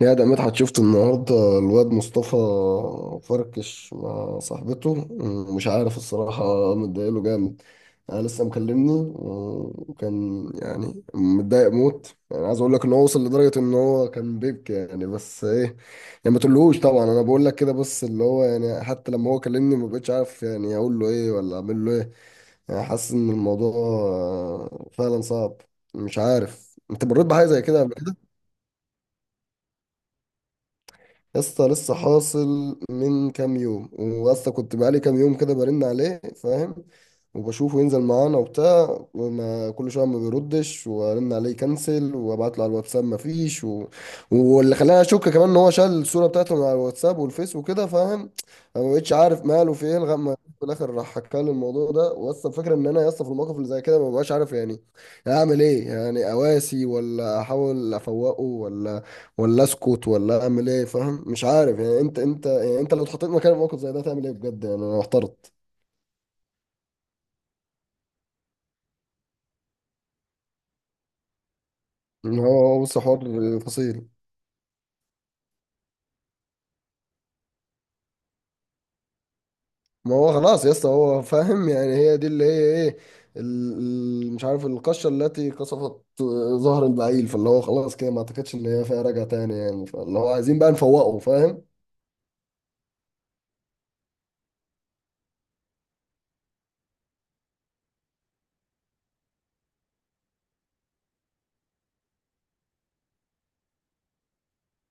يا ده مدحت شفت النهارده الواد مصطفى فركش مع صاحبته. مش عارف الصراحة متضايقله جامد. أنا لسه مكلمني وكان يعني متضايق موت، يعني عايز أقول لك إن هو وصل لدرجة إن هو كان بيبكي يعني بس إيه. يعني ما تقولهوش طبعا، أنا بقول لك كده بس اللي هو يعني حتى لما هو كلمني ما بقتش عارف يعني أقول له إيه ولا أعمل له إيه. يعني حاسس إن الموضوع فعلا صعب. مش عارف أنت مريت بحاجة زي كده. يا اسطى لسه حاصل من كام يوم، واسطى كنت بقالي كام يوم كده برن عليه فاهم. وبشوفه ينزل معانا وبتاع، وما كل شويه ما بيردش وارن عليه كنسل وابعت له على الواتساب ما فيش و... واللي خلاني اشك كمان ان هو شال الصوره بتاعته من على الواتساب والفيس وكده فاهم. أنا ما بقتش عارف ماله في ايه لغايه ما في الاخر راح حكى لي الموضوع ده. واسطى الفكره ان انا يا اسطى في الموقف اللي زي كده ما ببقاش عارف يعني اعمل ايه، يعني اواسي ولا احاول افوقه ولا اسكت ولا اعمل ايه فاهم. مش عارف يعني انت يعني انت لو اتحطيت مكان موقف زي ده تعمل ايه بجد يعني انا محترت. ان هو بص حوار فصيل. ما هو خلاص يا اسطى هو فاهم، يعني هي دي اللي هي ايه مش عارف القشة التي قصفت ظهر البعيل. فاللي هو خلاص كده ما اعتقدش ان هي فيها رجعة تاني يعني فاللي هو عايزين بقى نفوقه فاهم.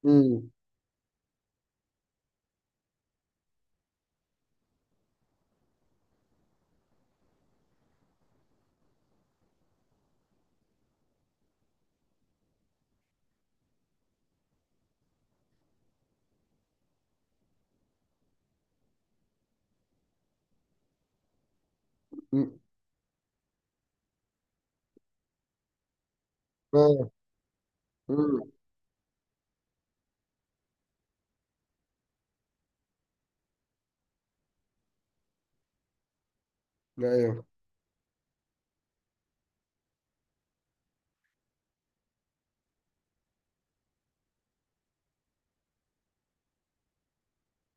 امم. امم. آه. امم. ايوه.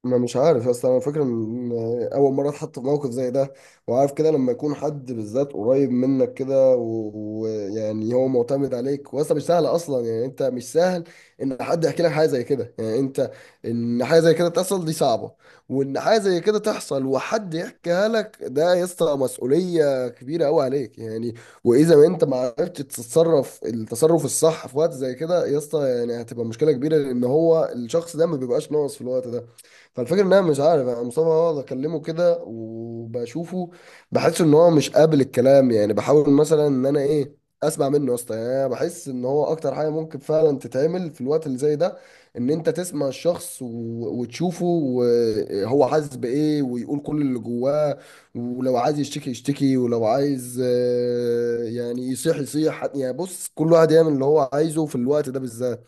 ما مش عارف اصل انا فاكر ان اول مره اتحط في موقف زي ده. وعارف كده لما يكون حد بالذات قريب منك كده ويعني هو معتمد عليك، واصلا مش سهل اصلا يعني انت مش سهل ان حد يحكي لك حاجه زي كده، يعني انت ان حاجه زي كده تحصل دي صعبه. وان حاجه زي كده تحصل وحد يحكيها لك ده يا اسطى مسؤوليه كبيره قوي عليك يعني. واذا ما انت ما عرفتش تتصرف التصرف الصح في وقت زي كده يا اسطى يعني هتبقى مشكله كبيره لان هو الشخص ده ما بيبقاش ناقص في الوقت ده. فالفكرة ان انا مش عارف انا مصطفى اقعد اكلمه كده وبشوفه بحس ان هو مش قابل الكلام. يعني بحاول مثلا ان انا ايه اسمع منه يا اسطى، يعني انا بحس ان هو اكتر حاجة ممكن فعلا تتعمل في الوقت اللي زي ده ان انت تسمع الشخص و... وتشوفه وهو حاسس بايه ويقول كل اللي جواه. ولو عايز يشتكي يشتكي، ولو عايز يعني يصيح يصيح، يعني بص كل واحد يعمل اللي هو عايزه في الوقت ده بالذات.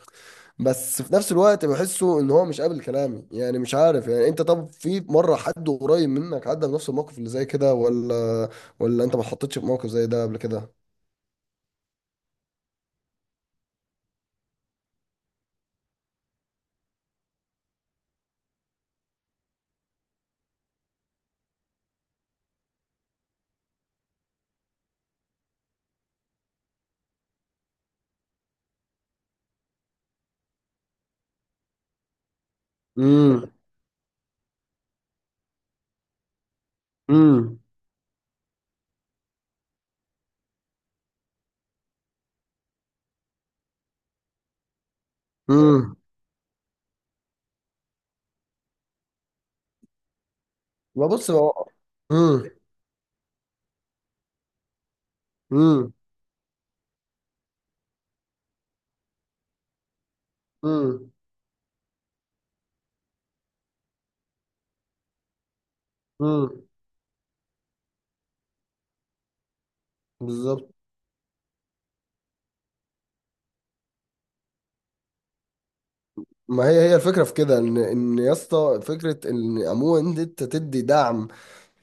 بس في نفس الوقت بحسه ان هو مش قابل كلامي يعني مش عارف. يعني انت طب في مره حد قريب منك عدى بنفس الموقف اللي زي كده ولا انت ما اتحطيتش في موقف زي ده قبل كده؟ امم. امم. امم. ما بص هو. امم. امم. امم. امم. بالظبط. ما هي هي الفكره في كده ان يا اسطى فكره ان عموما انت تدي دعم.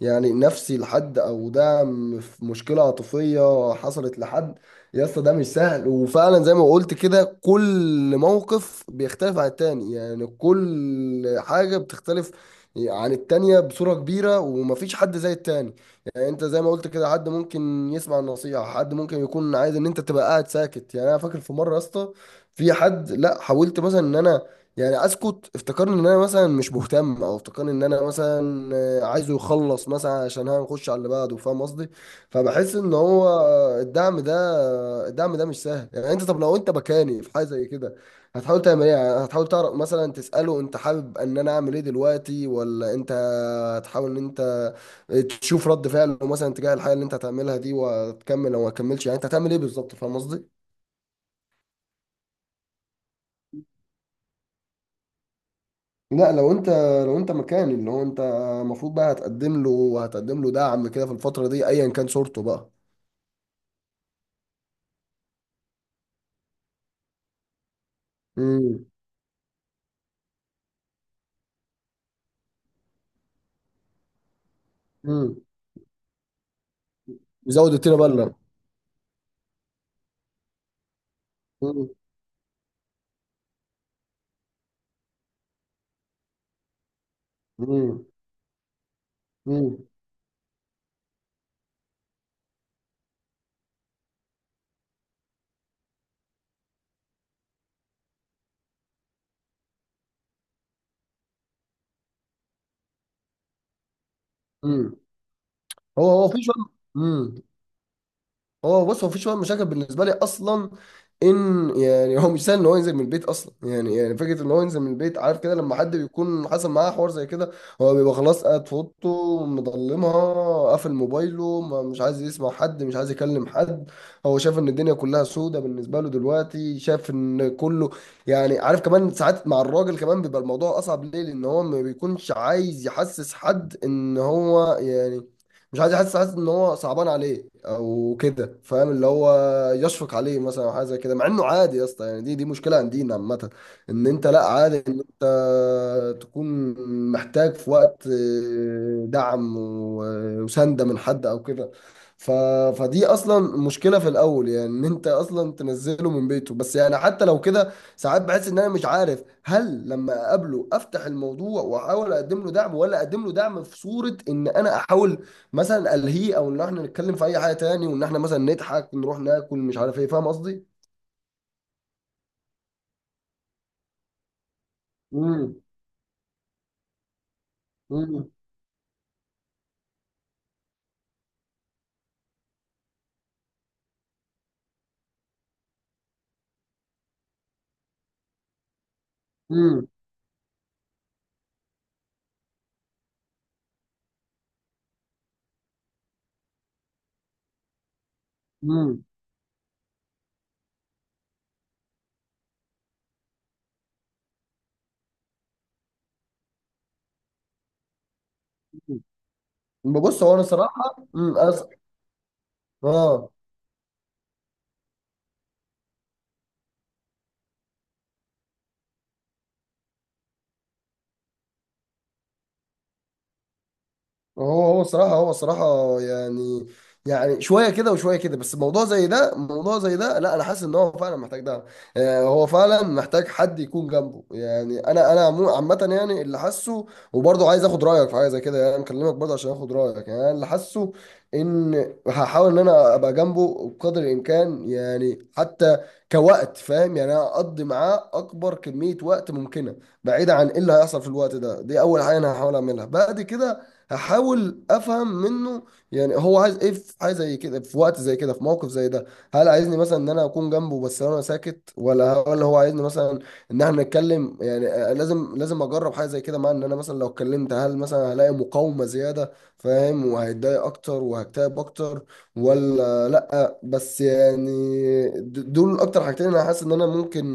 يعني نفسي لحد او دعم في مشكله عاطفيه حصلت لحد. يا اسطى ده مش سهل، وفعلا زي ما قلت كده كل موقف بيختلف عن التاني، يعني كل حاجه بتختلف عن التانية بصوره كبيره ومفيش حد زي التاني. يعني انت زي ما قلت كده حد ممكن يسمع النصيحه، حد ممكن يكون عايز ان انت تبقى قاعد ساكت. يعني انا فاكر في مره يا اسطى في حد لا حاولت مثلا ان انا يعني اسكت افتكرني ان انا مثلا مش مهتم، او افتكرني ان انا مثلا عايزه يخلص مثلا عشان هنخش على اللي بعده فاهم قصدي. فبحس ان هو الدعم ده الدعم ده مش سهل. يعني انت طب لو انت مكاني في حاجه زي كده هتحاول تعمل ايه؟ يعني هتحاول تعرف مثلا تساله انت حابب ان انا اعمل ايه دلوقتي، ولا انت هتحاول ان انت تشوف رد فعله مثلا تجاه الحاجه اللي انت هتعملها دي وتكمل او ما تكملش؟ يعني انت هتعمل ايه بالظبط فاهم قصدي. لا لو انت مكاني اللي هو انت المفروض بقى هتقدم له وهتقدم له دعم كده في الفترة دي ايا كان صورته بقى. امم. امم. يزود التيرة بلة. امم. امم. امم. هو هو في شوية. امم. هو بص هو مفيش مشاكل بالنسبه لي اصلا ان يعني هو مش سهل ان هو ينزل من البيت اصلا. يعني فكره ان هو ينزل من البيت عارف كده لما حد بيكون حصل معاه حوار زي كده هو بيبقى خلاص قاعد في اوضته مضلمها قافل موبايله. ما مش عايز يسمع حد مش عايز يكلم حد. هو شايف ان الدنيا كلها سودة بالنسبه له دلوقتي، شايف ان كله يعني عارف. كمان ساعات مع الراجل كمان بيبقى الموضوع اصعب ليه لان هو ما بيكونش عايز يحسس حد ان هو يعني مش عايز يحس حاسس ان هو صعبان عليه او كده فاهم. اللي هو يشفق عليه مثلا او حاجه زي كده، مع انه عادي يا اسطى يعني دي مشكله عندنا عامه. ان انت لا عادي ان انت تكون محتاج في وقت دعم وسنده من حد او كده. ف... فدي اصلا مشكله في الاول يعني ان انت اصلا تنزله من بيته، بس يعني حتى لو كده ساعات بحس ان انا مش عارف. هل لما اقابله افتح الموضوع واحاول اقدم له دعم، ولا اقدم له دعم في صورة ان انا احاول مثلا الهي، او ان احنا نتكلم في اي حاجه تاني، وان احنا مثلا نضحك نروح ناكل مش عارف ايه فاهم قصدي. امم. امم. امم. ببص هو انا صراحه اه. هو هو صراحة هو صراحة يعني، يعني شوية كده وشوية كده، بس موضوع زي ده موضوع زي ده لا أنا حاسس إن هو فعلا محتاج دعم. هو فعلا محتاج حد يكون جنبه. يعني أنا عامة يعني اللي حاسه. وبرضه عايز آخد رأيك في حاجة زي كده، يعني أنا مكلمك برضه عشان آخد رأيك يعني أنا اللي حاسه. إن هحاول إن أنا أبقى جنبه بقدر الإمكان، يعني حتى كوقت فاهم، يعني أنا أقضي معاه أكبر كمية وقت ممكنة بعيد عن إيه اللي هيحصل في الوقت ده. دي أول حاجة أنا هحاول أعملها. بعد كده هحاول افهم منه يعني هو عايز ايه في حاجه زي كده في وقت زي كده في موقف زي ده. هل عايزني مثلا ان انا اكون جنبه بس انا ساكت، ولا هو عايزني مثلا ان احنا نتكلم؟ يعني لازم اجرب حاجه زي كده. مع ان انا مثلا لو اتكلمت هل مثلا هلاقي مقاومه زياده فاهم وهيتضايق اكتر وهكتئب اكتر، ولا لا بس يعني. دول اكتر حاجتين انا حاسس ان انا ممكن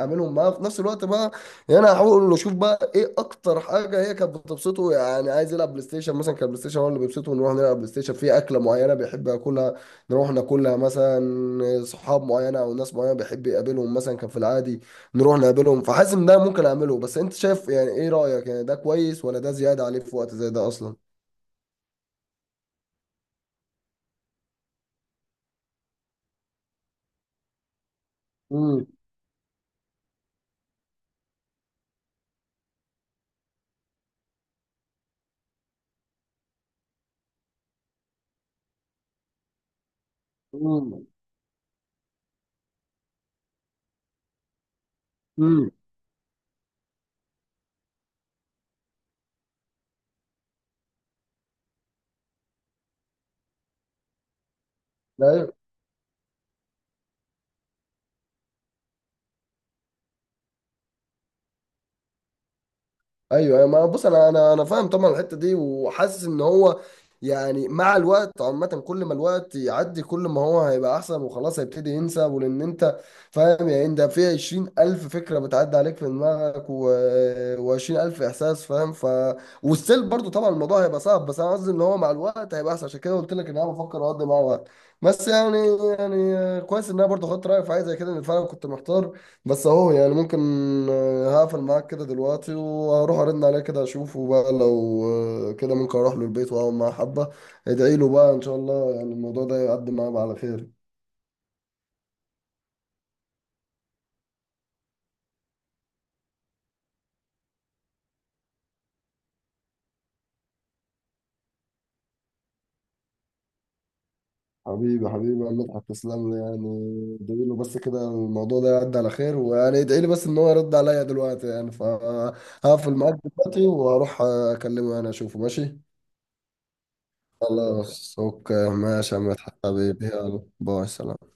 اعملهم معاه في نفس الوقت بقى. يعني هحاول اقول له شوف بقى ايه اكتر حاجه هي كانت بتبسطه. يعني عايز يلعب بلاي ستيشن مثلا، كان بلاي ستيشن هو اللي بيبسطه نروح نلعب بلاي ستيشن، في اكله معينه بيحب ياكلها نروح ناكلها مثلا، صحاب معينه او ناس معينه بيحب يقابلهم مثلا كان في العادي نروح نقابلهم. فحاسس ان ده ممكن اعمله، بس انت شايف يعني ايه رايك؟ يعني ده كويس ولا ده زياده عليه في وقت زي ده اصلا؟ مم. مم. مم. لا. ايوه ايوه ما بص انا فاهم طبعا الحته دي. وحاسس ان هو يعني مع الوقت عامه كل ما الوقت يعدي كل ما هو هيبقى احسن وخلاص هيبتدي ينسى ولان انت فاهم. يعني انت في 20,000 فكره بتعدي عليك في دماغك وعشرين الف احساس فاهم ف. والسيل برضو طبعا الموضوع هيبقى صعب بس انا قصدي ان هو مع الوقت هيبقى احسن عشان كده قلت لك ان انا بفكر اقضي معاه وقت. بس يعني كويس ان انا برضو خدت رايك في حاجه زي كده ان فعلا كنت محتار. بس اهو يعني ممكن هقفل معاك كده دلوقتي وهروح ارن عليه كده اشوفه بقى، لو كده ممكن اروح له البيت واقعد معاه حبه. ادعي له بقى ان شاء الله يعني الموضوع ده يعدي معاه على خير. حبيبي حبيبي يا مدحت تسلم لي يعني. ادعي له بس كده الموضوع ده يعدي على خير، ويعني ادعي لي بس ان هو يرد عليا دلوقتي. يعني فهقفل معاك دلوقتي وهروح اكلمه يعني اشوفه ماشي. خلاص اوكي ماشي يا مدحت حبيبي، يلا باي سلام.